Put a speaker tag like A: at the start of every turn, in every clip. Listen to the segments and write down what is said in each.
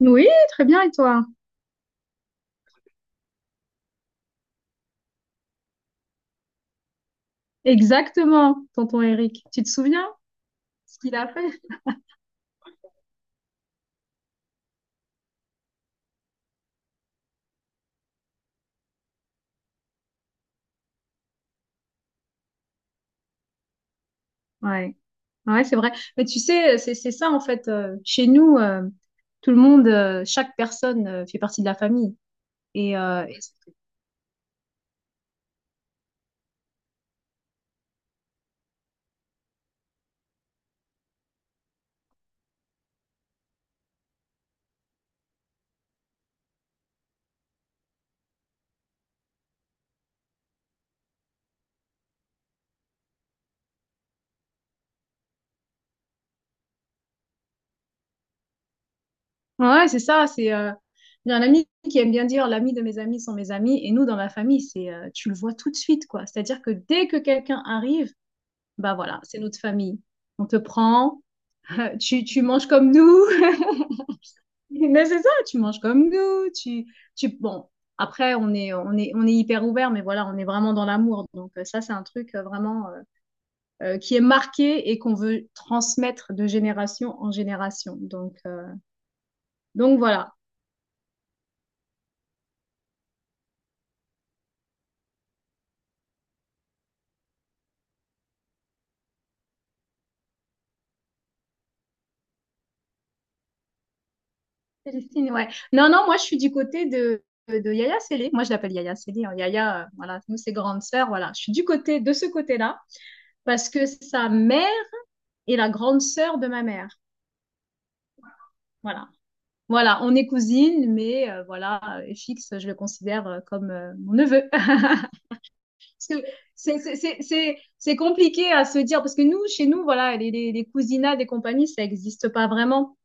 A: Oui, très bien, et toi? Exactement, tonton Eric. Tu te souviens ce qu'il a fait? Ouais, ouais, c'est vrai. Mais tu sais, c'est ça en fait. Chez nous, tout le monde, chaque personne fait partie de la famille. Et ouais, c'est ça. C'est j'ai un ami qui aime bien dire l'ami de mes amis sont mes amis. Et nous, dans la famille, c'est tu le vois tout de suite, quoi. C'est-à-dire que dès que quelqu'un arrive, bah voilà, c'est notre famille. On te prend, tu manges comme nous. Mais c'est ça, tu manges comme nous, tu, bon, après, on est hyper ouvert, mais voilà, on est vraiment dans l'amour. Donc, ça, c'est un truc vraiment qui est marqué et qu'on veut transmettre de génération en génération. Donc voilà. Célestine, ouais. Non, moi, je suis du côté de Yaya Sélé. Moi, je l'appelle Yaya Sélé. Hein. Yaya, voilà, nous, c'est grande sœur. Voilà, je suis du côté de ce côté-là parce que sa mère est la grande sœur de ma mère. Voilà. Voilà, on est cousines, mais voilà, FX, je le considère comme mon neveu. Parce que c'est compliqué à se dire, parce que nous, chez nous, voilà, les cousinats des compagnies, ça n'existe pas vraiment.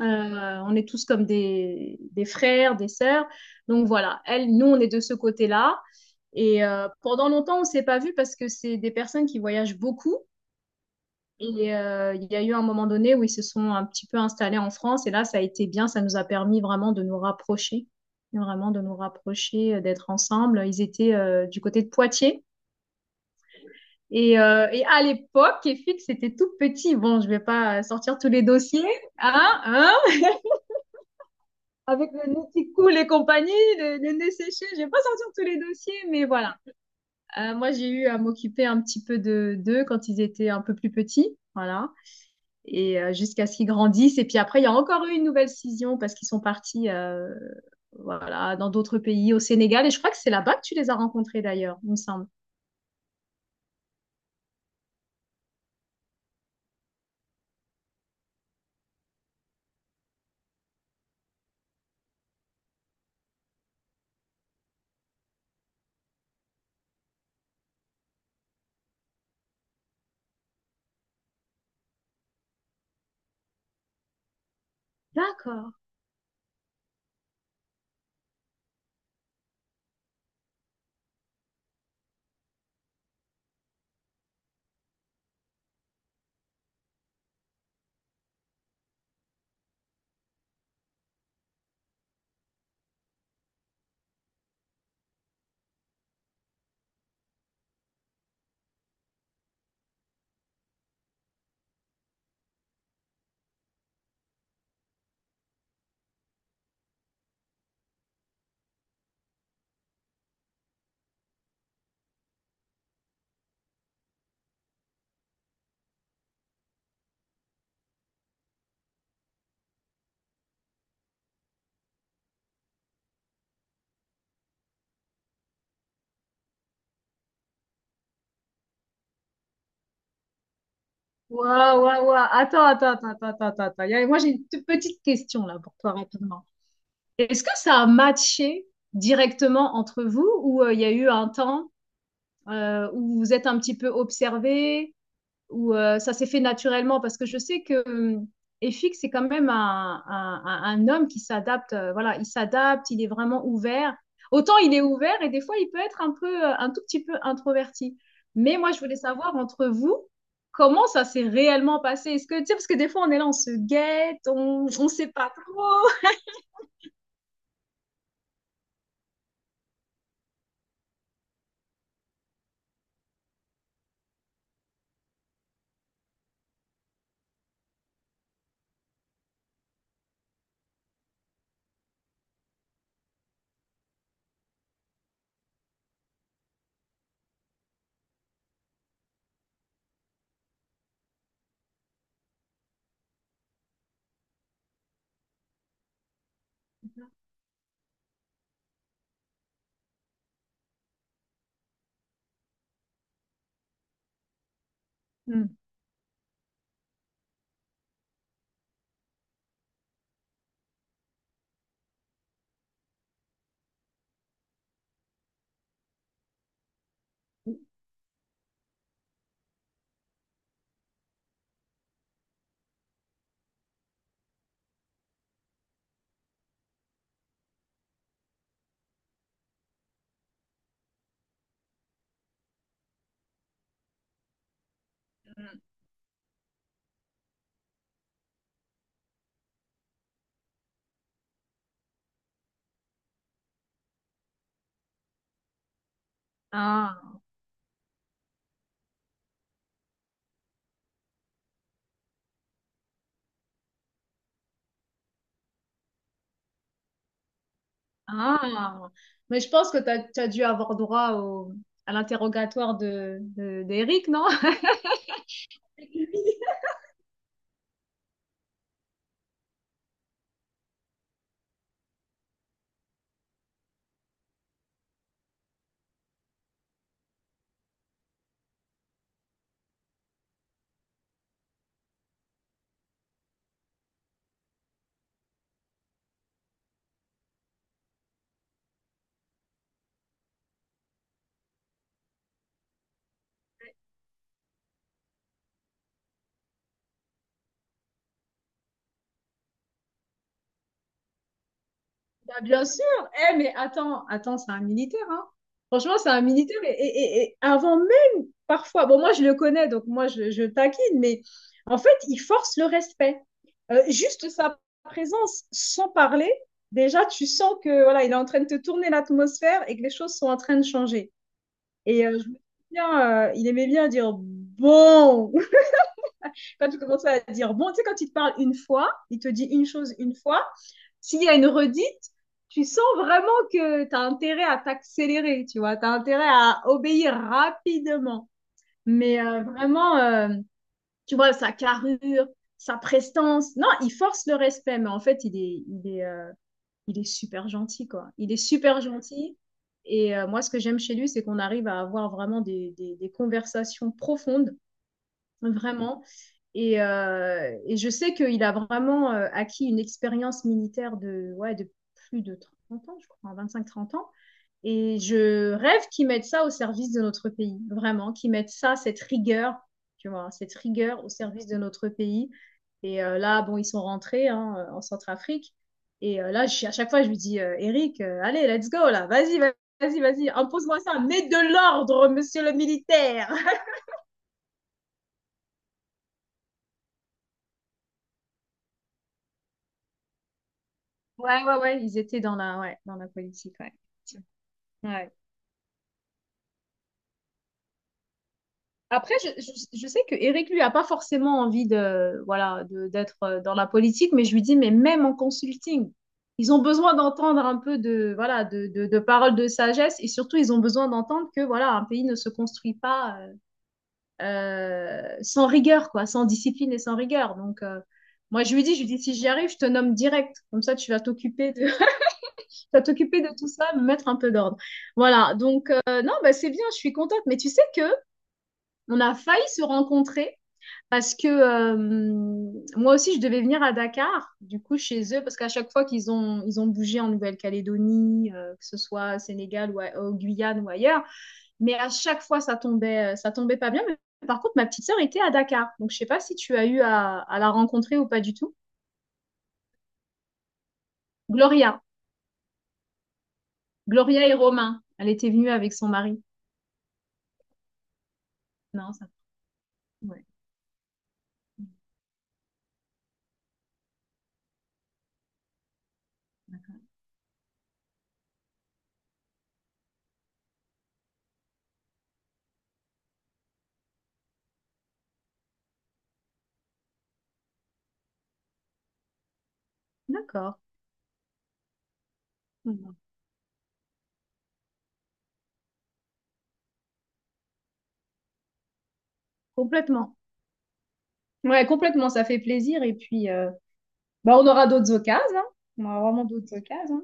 A: On est tous comme des frères, des sœurs. Donc voilà, elle, nous, on est de ce côté-là. Et pendant longtemps, on s'est pas vus parce que c'est des personnes qui voyagent beaucoup. Et il y a eu un moment donné où ils se sont un petit peu installés en France. Et là, ça a été bien. Ça nous a permis vraiment de nous rapprocher. Vraiment de nous rapprocher, d'être ensemble. Ils étaient du côté de Poitiers. Et à l'époque, EFIX, c'était tout petit. Bon, je vais pas sortir tous les dossiers. Hein, hein avec le nez qui coule et compagnie, le nez séché, je vais pas sortir tous les dossiers. Mais voilà. Moi, j'ai eu à m'occuper un petit peu de d'eux quand ils étaient un peu plus petits. Voilà. Et jusqu'à ce qu'ils grandissent. Et puis après, il y a encore eu une nouvelle scission parce qu'ils sont partis voilà, dans d'autres pays, au Sénégal. Et je crois que c'est là-bas que tu les as rencontrés d'ailleurs, il me semble. D'accord. Waouh, waouh, waouh. Attends, attends, attends, attends, attends, attends. Il y a- moi, j'ai une toute petite question là pour toi rapidement. Est-ce que ça a matché directement entre vous ou il y a eu un temps où vous vous êtes un petit peu observés ou ça s'est fait naturellement parce que je sais que Efik, c'est quand même un homme qui s'adapte. Voilà, il s'adapte, il est vraiment ouvert. Autant il est ouvert et des fois il peut être un peu, un tout petit peu introverti. Mais moi, je voulais savoir entre vous, comment ça s'est réellement passé? Est-ce que, tu sais, parce que des fois on est là, on se guette, on ne sait pas trop. Hmm. Ah, ah. Mais je pense que tu as, dû avoir droit au- à l'interrogatoire de, d'Eric, non? Bah, bien sûr. Eh, mais attends, attends, c'est un militaire, hein. Franchement, c'est un militaire. Et, et avant même, parfois, bon, moi, je le connais, donc moi, je taquine, mais en fait, il force le respect. Juste sa présence, sans parler, déjà, tu sens que voilà, il est en train de te tourner l'atmosphère et que les choses sont en train de changer. Et je me souviens, il aimait bien dire bon. Quand tu commences à dire bon, tu sais, quand il te parle une fois, il te dit une chose une fois s'il y a une redite, tu sens vraiment que tu as intérêt à t'accélérer, tu vois, tu as intérêt à obéir rapidement. Mais tu vois, sa carrure, sa prestance, non, il force le respect, mais en fait, il est super gentil, quoi. Il est super gentil. Et moi, ce que j'aime chez lui, c'est qu'on arrive à avoir vraiment des conversations profondes vraiment. Et je sais qu'il a vraiment acquis une expérience militaire de, ouais, de plus de 30 ans, je crois, hein, 25 30 ans. Et je rêve qu'ils mettent ça au service de notre pays, vraiment, qu'ils mettent ça, cette rigueur, tu vois, cette rigueur au service de notre pays. Et là, bon, ils sont rentrés hein, en Centrafrique. Et là, à chaque fois, je lui dis, Eric, allez, let's go, là, vas-y, impose-moi ça, mets de l'ordre, monsieur le militaire. Ouais, ils étaient dans la, ouais, dans la politique, ouais. Ouais. Après, je sais que Eric, lui, a pas forcément envie de, voilà, d'être dans la politique, mais je lui dis, mais même en consulting, ils ont besoin d'entendre un peu de, voilà, de paroles de sagesse et surtout, ils ont besoin d'entendre que, voilà, un pays ne se construit pas sans rigueur, quoi, sans discipline et sans rigueur. Donc, moi, je lui dis, si j'y arrive, je te nomme direct. Comme ça, tu vas t'occuper de tout ça, me mettre un peu d'ordre. Voilà, donc non, bah, c'est bien, je suis contente. Mais tu sais que on a failli se rencontrer parce que moi aussi, je devais venir à Dakar, du coup, chez eux, parce qu'à chaque fois qu'ils ont, ils ont bougé en Nouvelle-Calédonie, que ce soit au Sénégal ou au Guyane ou ailleurs, mais à chaque fois, ça tombait pas bien. Mais par contre, ma petite sœur était à Dakar, donc je sais pas si tu as eu à la rencontrer ou pas du tout. Gloria, Gloria et Romain, elle était venue avec son mari. Non, ça. Ouais. D'accord. Mm. Complètement. Ouais, complètement, ça fait plaisir. Et puis, bah, on aura d'autres occasions. Hein. On aura vraiment d'autres occasions.